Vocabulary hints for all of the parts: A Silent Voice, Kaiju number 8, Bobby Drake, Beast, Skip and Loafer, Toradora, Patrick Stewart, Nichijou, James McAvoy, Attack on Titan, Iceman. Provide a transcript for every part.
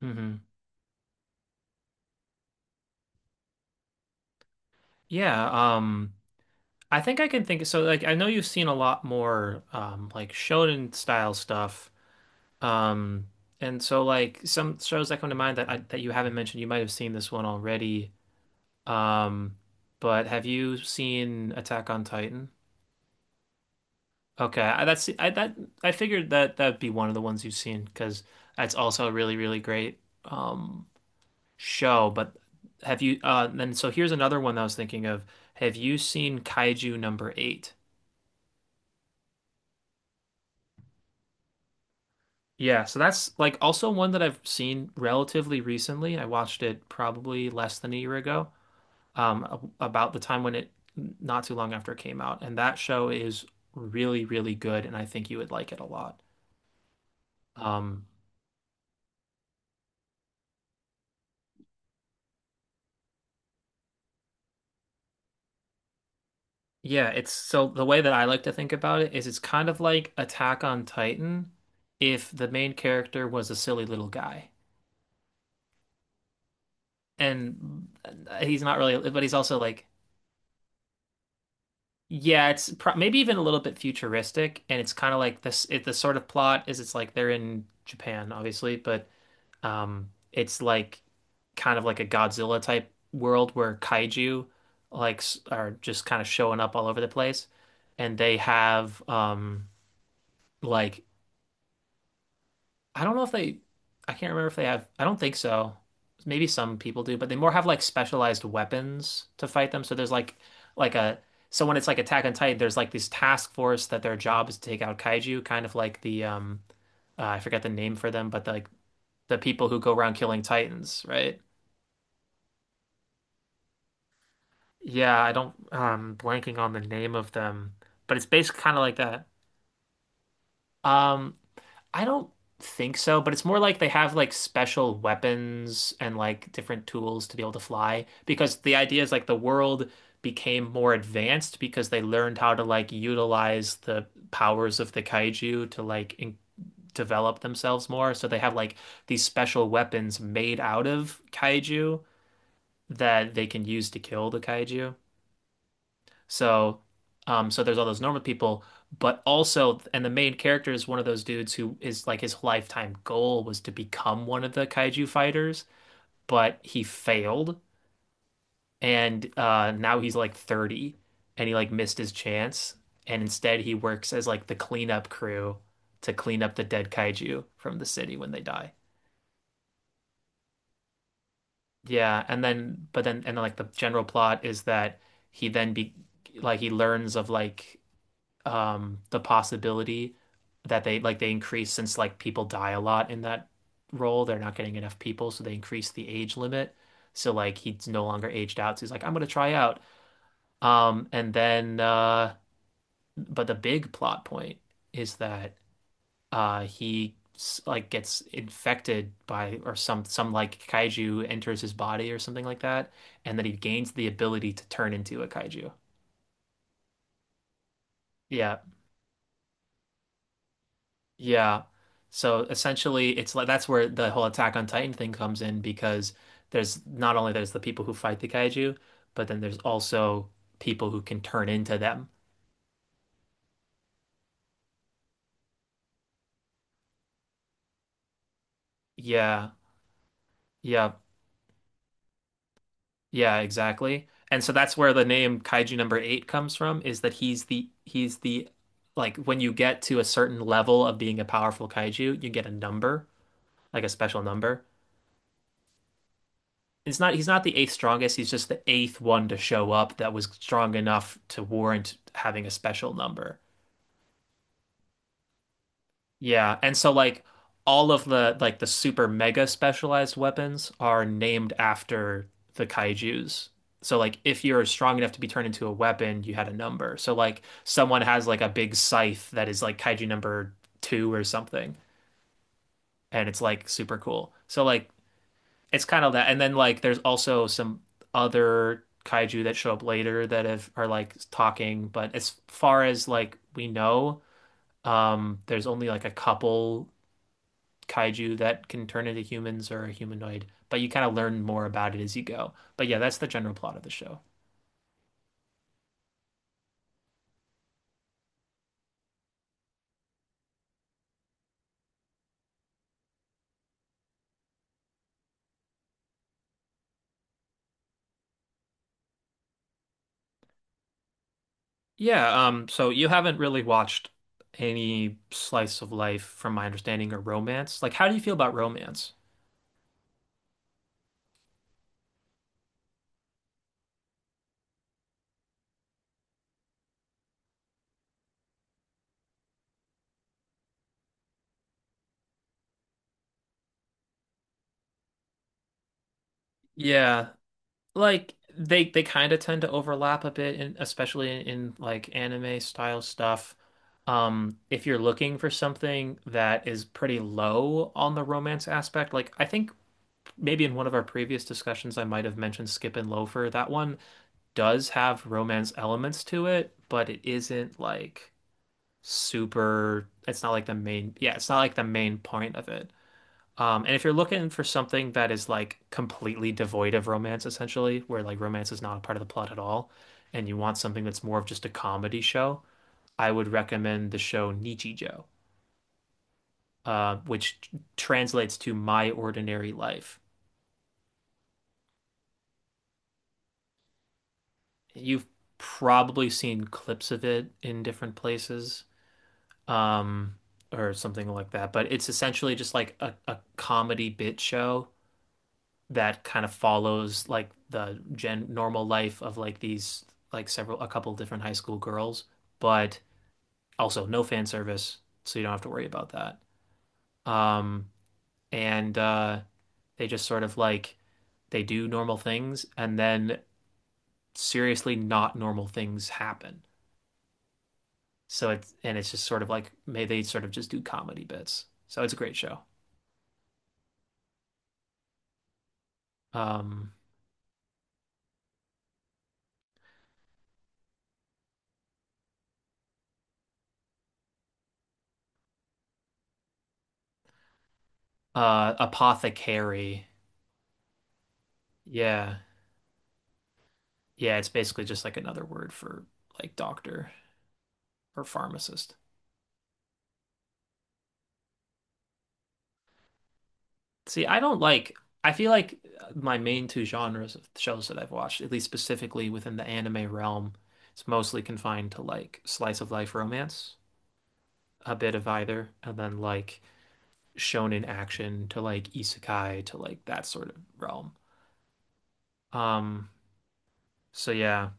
Hmm. Yeah, I think I can think so like I know you've seen a lot more like shonen style stuff. Um and like some shows that come to mind that you haven't mentioned, you might have seen this one already. Um but have you seen Attack on Titan? Okay. I figured that'd be one of the ones you've seen because that's also a really great um show. But have you then so here's another one I was thinking of. Have you seen Kaiju number 8? Yeah, so that's like also one that I've seen relatively recently. I watched it probably less than a year ago, um, about the time not too long after it came out. And that show is really, really good, and I think you would like it a lot. Um, yeah, it's, so the way that I like to think about it is it's kind of like Attack on Titan if the main character was a silly little guy. And he's not really, but he's also like, yeah, it's pro maybe even a little bit futuristic, and it's kind of like this. The sort of plot is it's like they're in Japan, obviously, but it's like kind of like a Godzilla type world where kaiju are just kind of showing up all over the place, and they have like I don't know if I can't remember if they have, I don't think so. Maybe some people do, but they more have like specialized weapons to fight them. So there's like a, so when it's like Attack on Titan, there's like this task force that their job is to take out kaiju, kind of like I forget the name for them, but like the people who go around killing titans, right? Yeah, I don't, blanking on the name of them, but it's basically kind of like that. Um, I don't think so, but it's more like they have like special weapons and like different tools to be able to fly because the idea is like the world became more advanced because they learned how to like utilize the powers of the kaiju to like in develop themselves more. So they have like these special weapons made out of kaiju that they can use to kill the kaiju. So, so there's all those normal people, but also, and the main character is one of those dudes who is like his lifetime goal was to become one of the kaiju fighters, but he failed, and now he's like 30, and he like missed his chance, and instead he works as like the cleanup crew to clean up the dead kaiju from the city when they die. Yeah, and then like the general plot is that he then be like he learns of like the possibility that they increase, since like people die a lot in that role, they're not getting enough people, so they increase the age limit, so like he's no longer aged out, so he's like, I'm gonna try out. Um and then uh but the big plot point is that he like gets infected by or some like kaiju enters his body or something like that, and that he gains the ability to turn into a kaiju. Yeah Yeah. So essentially it's like that's where the whole Attack on Titan thing comes in because there's not only there's the people who fight the kaiju, but then there's also people who can turn into them. Yeah. Yeah. Yeah, exactly. And so that's where the name Kaiju number 8 comes from, is that he's the, like, when you get to a certain level of being a powerful kaiju, you get a number, like a special number. It's not, he's not the eighth strongest, he's just the eighth one to show up that was strong enough to warrant having a special number. Yeah, and so like all of the super mega specialized weapons are named after the kaijus. So like if you're strong enough to be turned into a weapon, you had a number. So like someone has like a big scythe that is like kaiju number two or something, and it's like super cool. So like it's kind of that. And then like there's also some other kaiju that show up later that have are like talking, but as far as like we know, there's only like a couple kaiju that can turn into humans or a humanoid, but you kind of learn more about it as you go. But yeah, that's the general plot of the show. Yeah, so you haven't really watched any slice of life from my understanding, or romance. Like, how do you feel about romance? Yeah, like they kind of tend to overlap a bit especially in like anime style stuff. If you're looking for something that is pretty low on the romance aspect, like I think maybe in one of our previous discussions I might have mentioned Skip and Loafer. That one does have romance elements to it, but it isn't like super, it's not like yeah, it's not like the main point of it. And if you're looking for something that is like completely devoid of romance, essentially, where like romance is not a part of the plot at all, and you want something that's more of just a comedy show, I would recommend the show Nichijou, which translates to My Ordinary Life. You've probably seen clips of it in different places, um, or something like that, but it's essentially just like a comedy bit show that kind of follows like the gen normal life of like these, like several a couple different high school girls, but also no fan service, so you don't have to worry about that. Um, and they just sort of like, they do normal things, and then seriously not normal things happen. It's just sort of like, may, they sort of just do comedy bits. So it's a great show. Um, apothecary. Yeah. Yeah, it's basically just like another word for like doctor or pharmacist. See, I don't like, I feel like my main two genres of shows that I've watched, at least specifically within the anime realm, it's mostly confined to like slice of life romance, a bit of either, and then like shonen action to like isekai to like that sort of realm. Um, so yeah.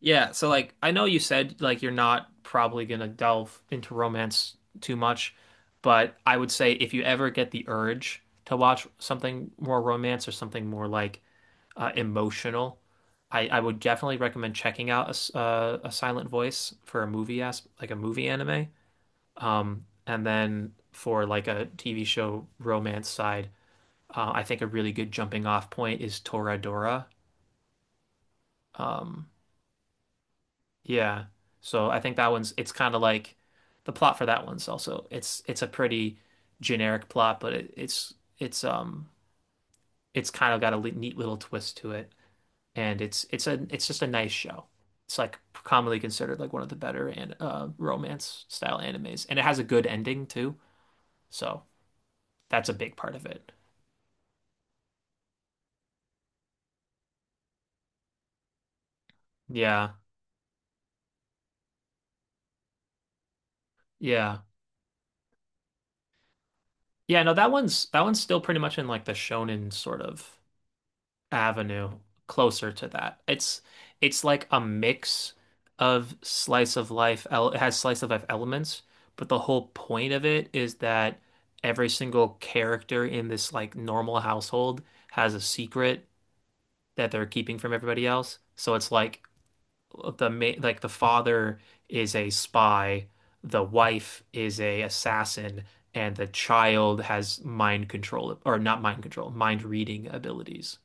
Yeah, so like I know you said like you're not probably gonna delve into romance too much, but I would say if you ever get the urge to watch something more romance or something more like emotional, I would definitely recommend checking out a Silent Voice for a movie, as like a movie anime, and then for like a TV show romance side, I think a really good jumping off point is Toradora. Um, Yeah. So I think that one's it's kind of like the plot for that one's also, it's a pretty generic plot, but it, it's um it's kind of got a neat little twist to it, and it's just a nice show. It's like commonly considered like one of the better and romance style animes, and it has a good ending too. So that's a big part of it. Yeah, yeah, yeah. No, that one's, that one's still pretty much in like the shonen sort of avenue, closer to that. It's like a mix of slice of life. It has slice of life elements, but the whole point of it is that every single character in this like normal household has a secret that they're keeping from everybody else. So it's like like the father is a spy, the wife is a assassin, and the child has mind control, or not mind control, mind reading abilities.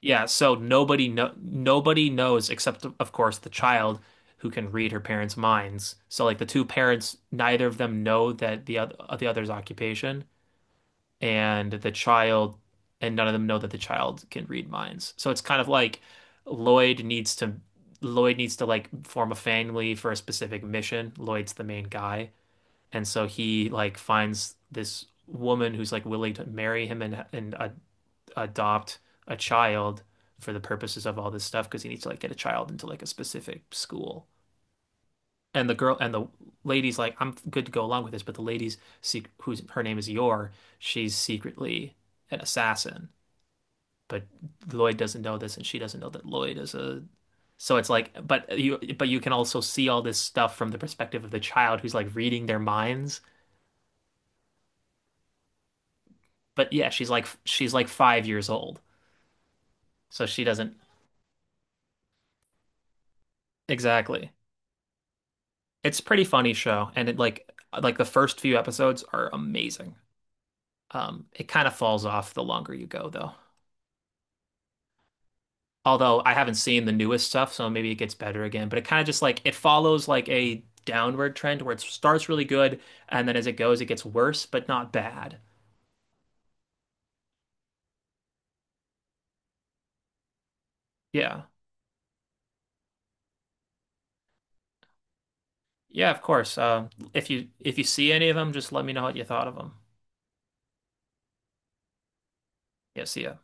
Yeah, so nobody no nobody knows except of course the child who can read her parents' minds. So like the two parents, neither of them know that the other's occupation, and the child, and none of them know that the child can read minds. So it's kind of like Lloyd needs to Lloyd needs to like form a family for a specific mission. Lloyd's the main guy. And so he like finds this woman who's like willing to marry him, and adopt a child for the purposes of all this stuff because he needs to like get a child into like a specific school. And the girl and the lady's like, I'm good to go along with this, but the lady's sec who's, her name is Yor, she's secretly an assassin, but Lloyd doesn't know this, and she doesn't know that Lloyd is a. So it's like, but you can also see all this stuff from the perspective of the child who's like reading their minds. But yeah, she's like, she's like 5 years old, so she doesn't, exactly. It's a pretty funny show, and it like the first few episodes are amazing. It kind of falls off the longer you go, though. Although I haven't seen the newest stuff, so maybe it gets better again. But it kind of just like, it follows like a downward trend where it starts really good, and then as it goes, it gets worse, but not bad. Yeah, yeah, of course. If you, if you see any of them, just let me know what you thought of them. Yeah, see ya.